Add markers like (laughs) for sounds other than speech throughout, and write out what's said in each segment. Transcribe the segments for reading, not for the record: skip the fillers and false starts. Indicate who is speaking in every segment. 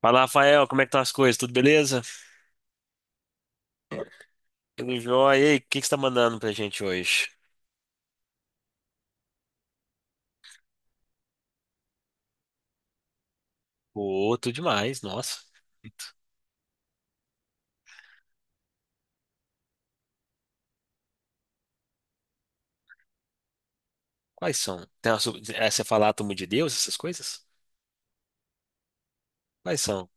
Speaker 1: Fala, Rafael, como é que estão as coisas? Tudo beleza? Tudo jóia? E aí, o que que você tá mandando pra gente hoje? Pô, tudo demais, nossa. Quais são? Tem uma, sub- é, você falar átomo de Deus, essas coisas? Quais são?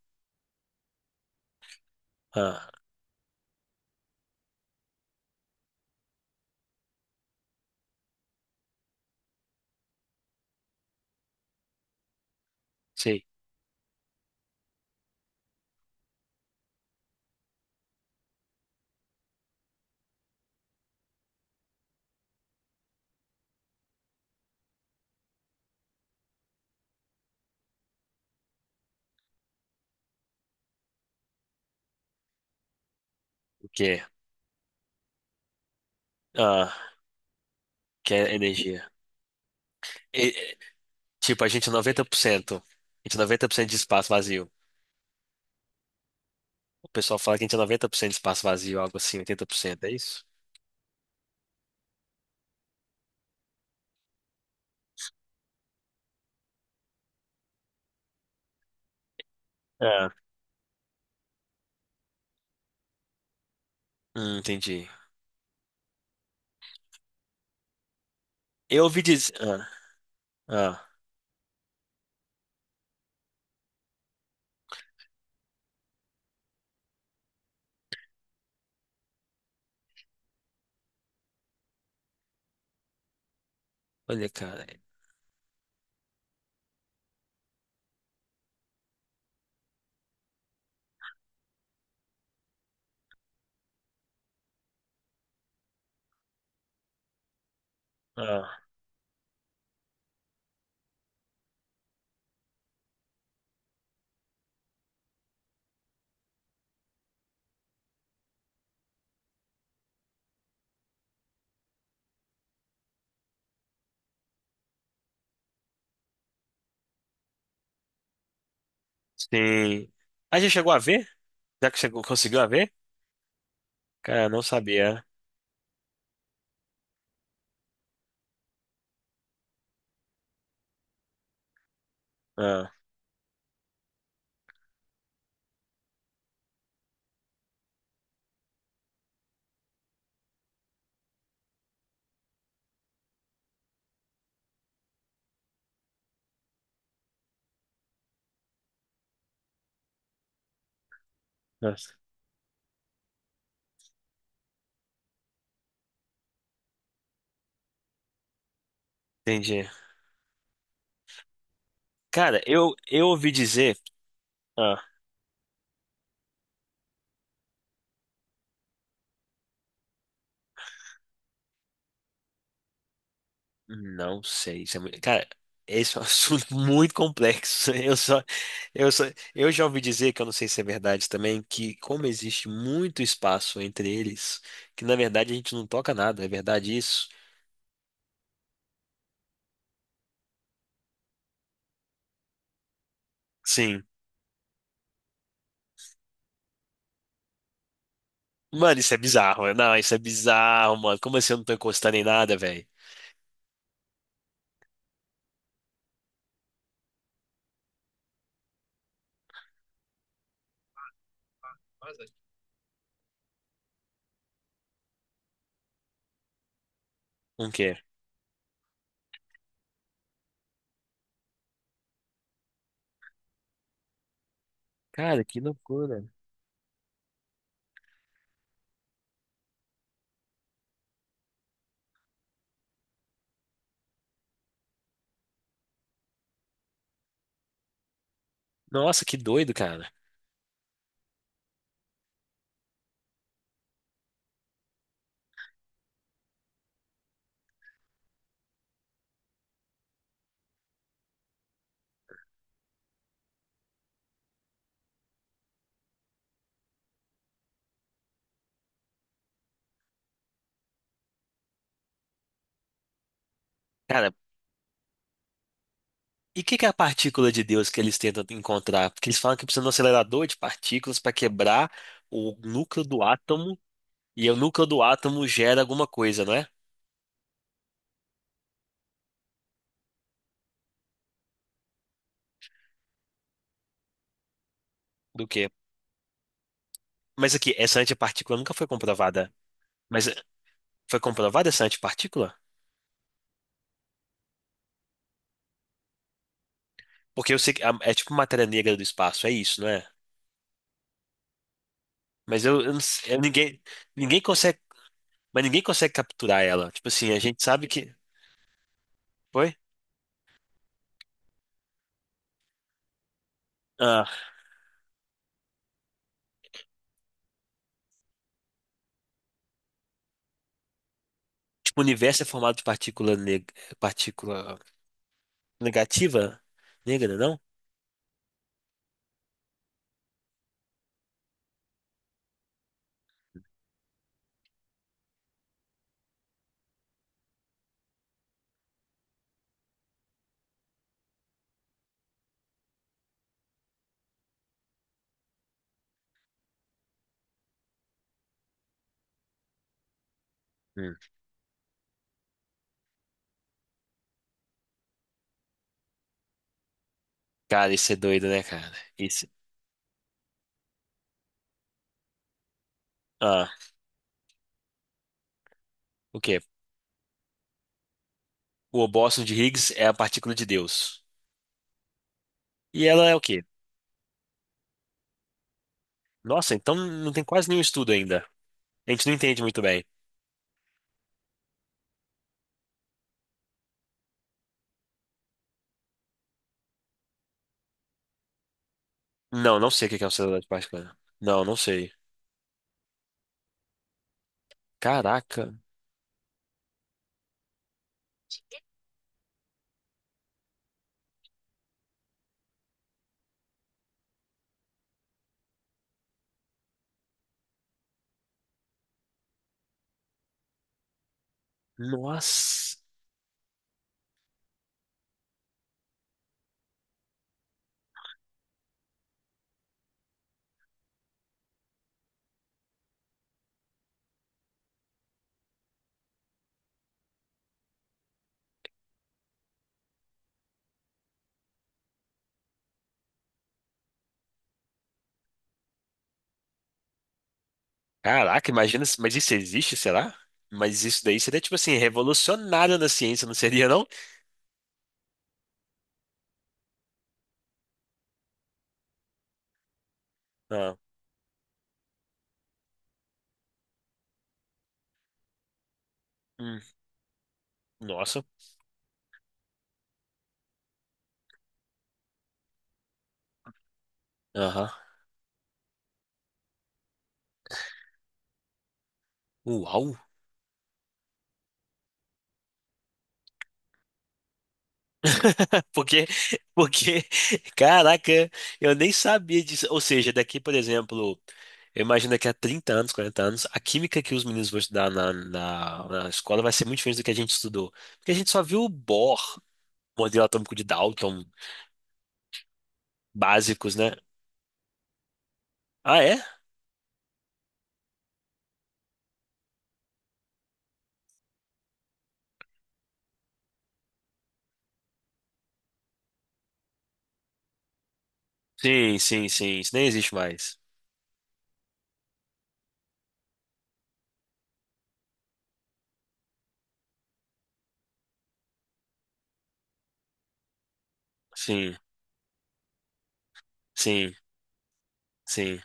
Speaker 1: Ah, sei. O quê? Ah, que é energia. E- e- tipo, a gente é 90%. A gente é 90% de espaço vazio. O pessoal fala que a gente é 90% de espaço vazio, algo assim, 80%, é isso? Ah, entendi. Eu ouvi dizer... Ah, ah, olha, cara. Ah, sim. A gente chegou a ver? Já que você conseguiu a ver? Cara, não sabia. Ah, nossa. Entendi. Cara, eu ouvi dizer. Ah, não sei. Isso é muito... Cara, esse é um (laughs) assunto muito complexo. Eu só, eu só, eu já ouvi dizer, que eu não sei se é verdade também, que como existe muito espaço entre eles, que na verdade a gente não toca nada. É verdade isso? Sim. Mano, isso é bizarro, né? Não, isso é bizarro, mano. Como assim eu não tô encostando em nada, velho? Um quê? Cara, que loucura. Nossa, que doido, cara. Cara, e o que que é a partícula de Deus que eles tentam encontrar? Porque eles falam que precisa de um acelerador de partículas para quebrar o núcleo do átomo, e o núcleo do átomo gera alguma coisa, não é? Do quê? Mas aqui, essa antipartícula nunca foi comprovada. Mas foi comprovada essa antipartícula? Porque eu sei que é tipo matéria negra do espaço, é isso, não é? Mas eu não sei- eu- ninguém, ninguém consegue, mas ninguém consegue capturar ela. Tipo assim, a gente sabe que foi? Ah, tipo, o universo é formado de partícula negativa, negra, não? Hum. Cara, isso é doido, né, cara? Isso. Ah, o quê? O óbolo de Higgs é a partícula de Deus. E ela é o quê? Nossa, então não tem quase nenhum estudo ainda. A gente não entende muito bem. Não, não sei o que é uma sociedade particular. Não, não sei. Caraca. Nossa. Caraca, imagina, se- mas isso existe, será? Mas isso daí seria, tipo assim, revolucionário na ciência, não seria, não? Ah, hum, nossa. Aham. Uau. (laughs) Porque, porque, caraca, eu nem sabia disso. Ou seja, daqui, por exemplo, eu imagino daqui a 30 anos, 40 anos, a química que os meninos vão estudar na escola vai ser muito diferente do que a gente estudou. Porque a gente só viu o Bohr, modelo atômico de Dalton, básicos, né? Ah, é? Sim, sim, sim. Isso nem existe mais. Sim, sim, sim.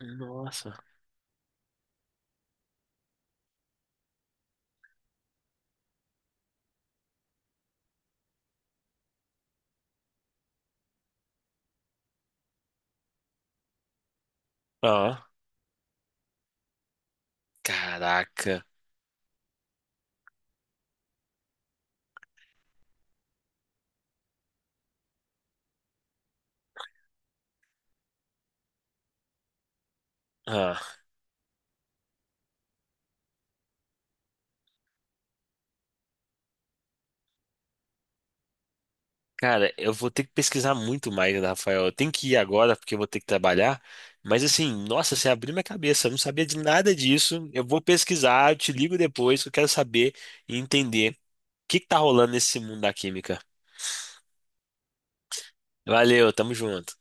Speaker 1: Nossa. Ah, caraca. Ah. Cara, eu vou ter que pesquisar muito mais, né, Rafael. Eu tenho que ir agora porque eu vou ter que trabalhar. Mas assim, nossa, você abriu minha cabeça. Eu não sabia de nada disso. Eu vou pesquisar, eu te ligo depois, que eu quero saber e entender o que que tá rolando nesse mundo da química. Valeu, tamo junto.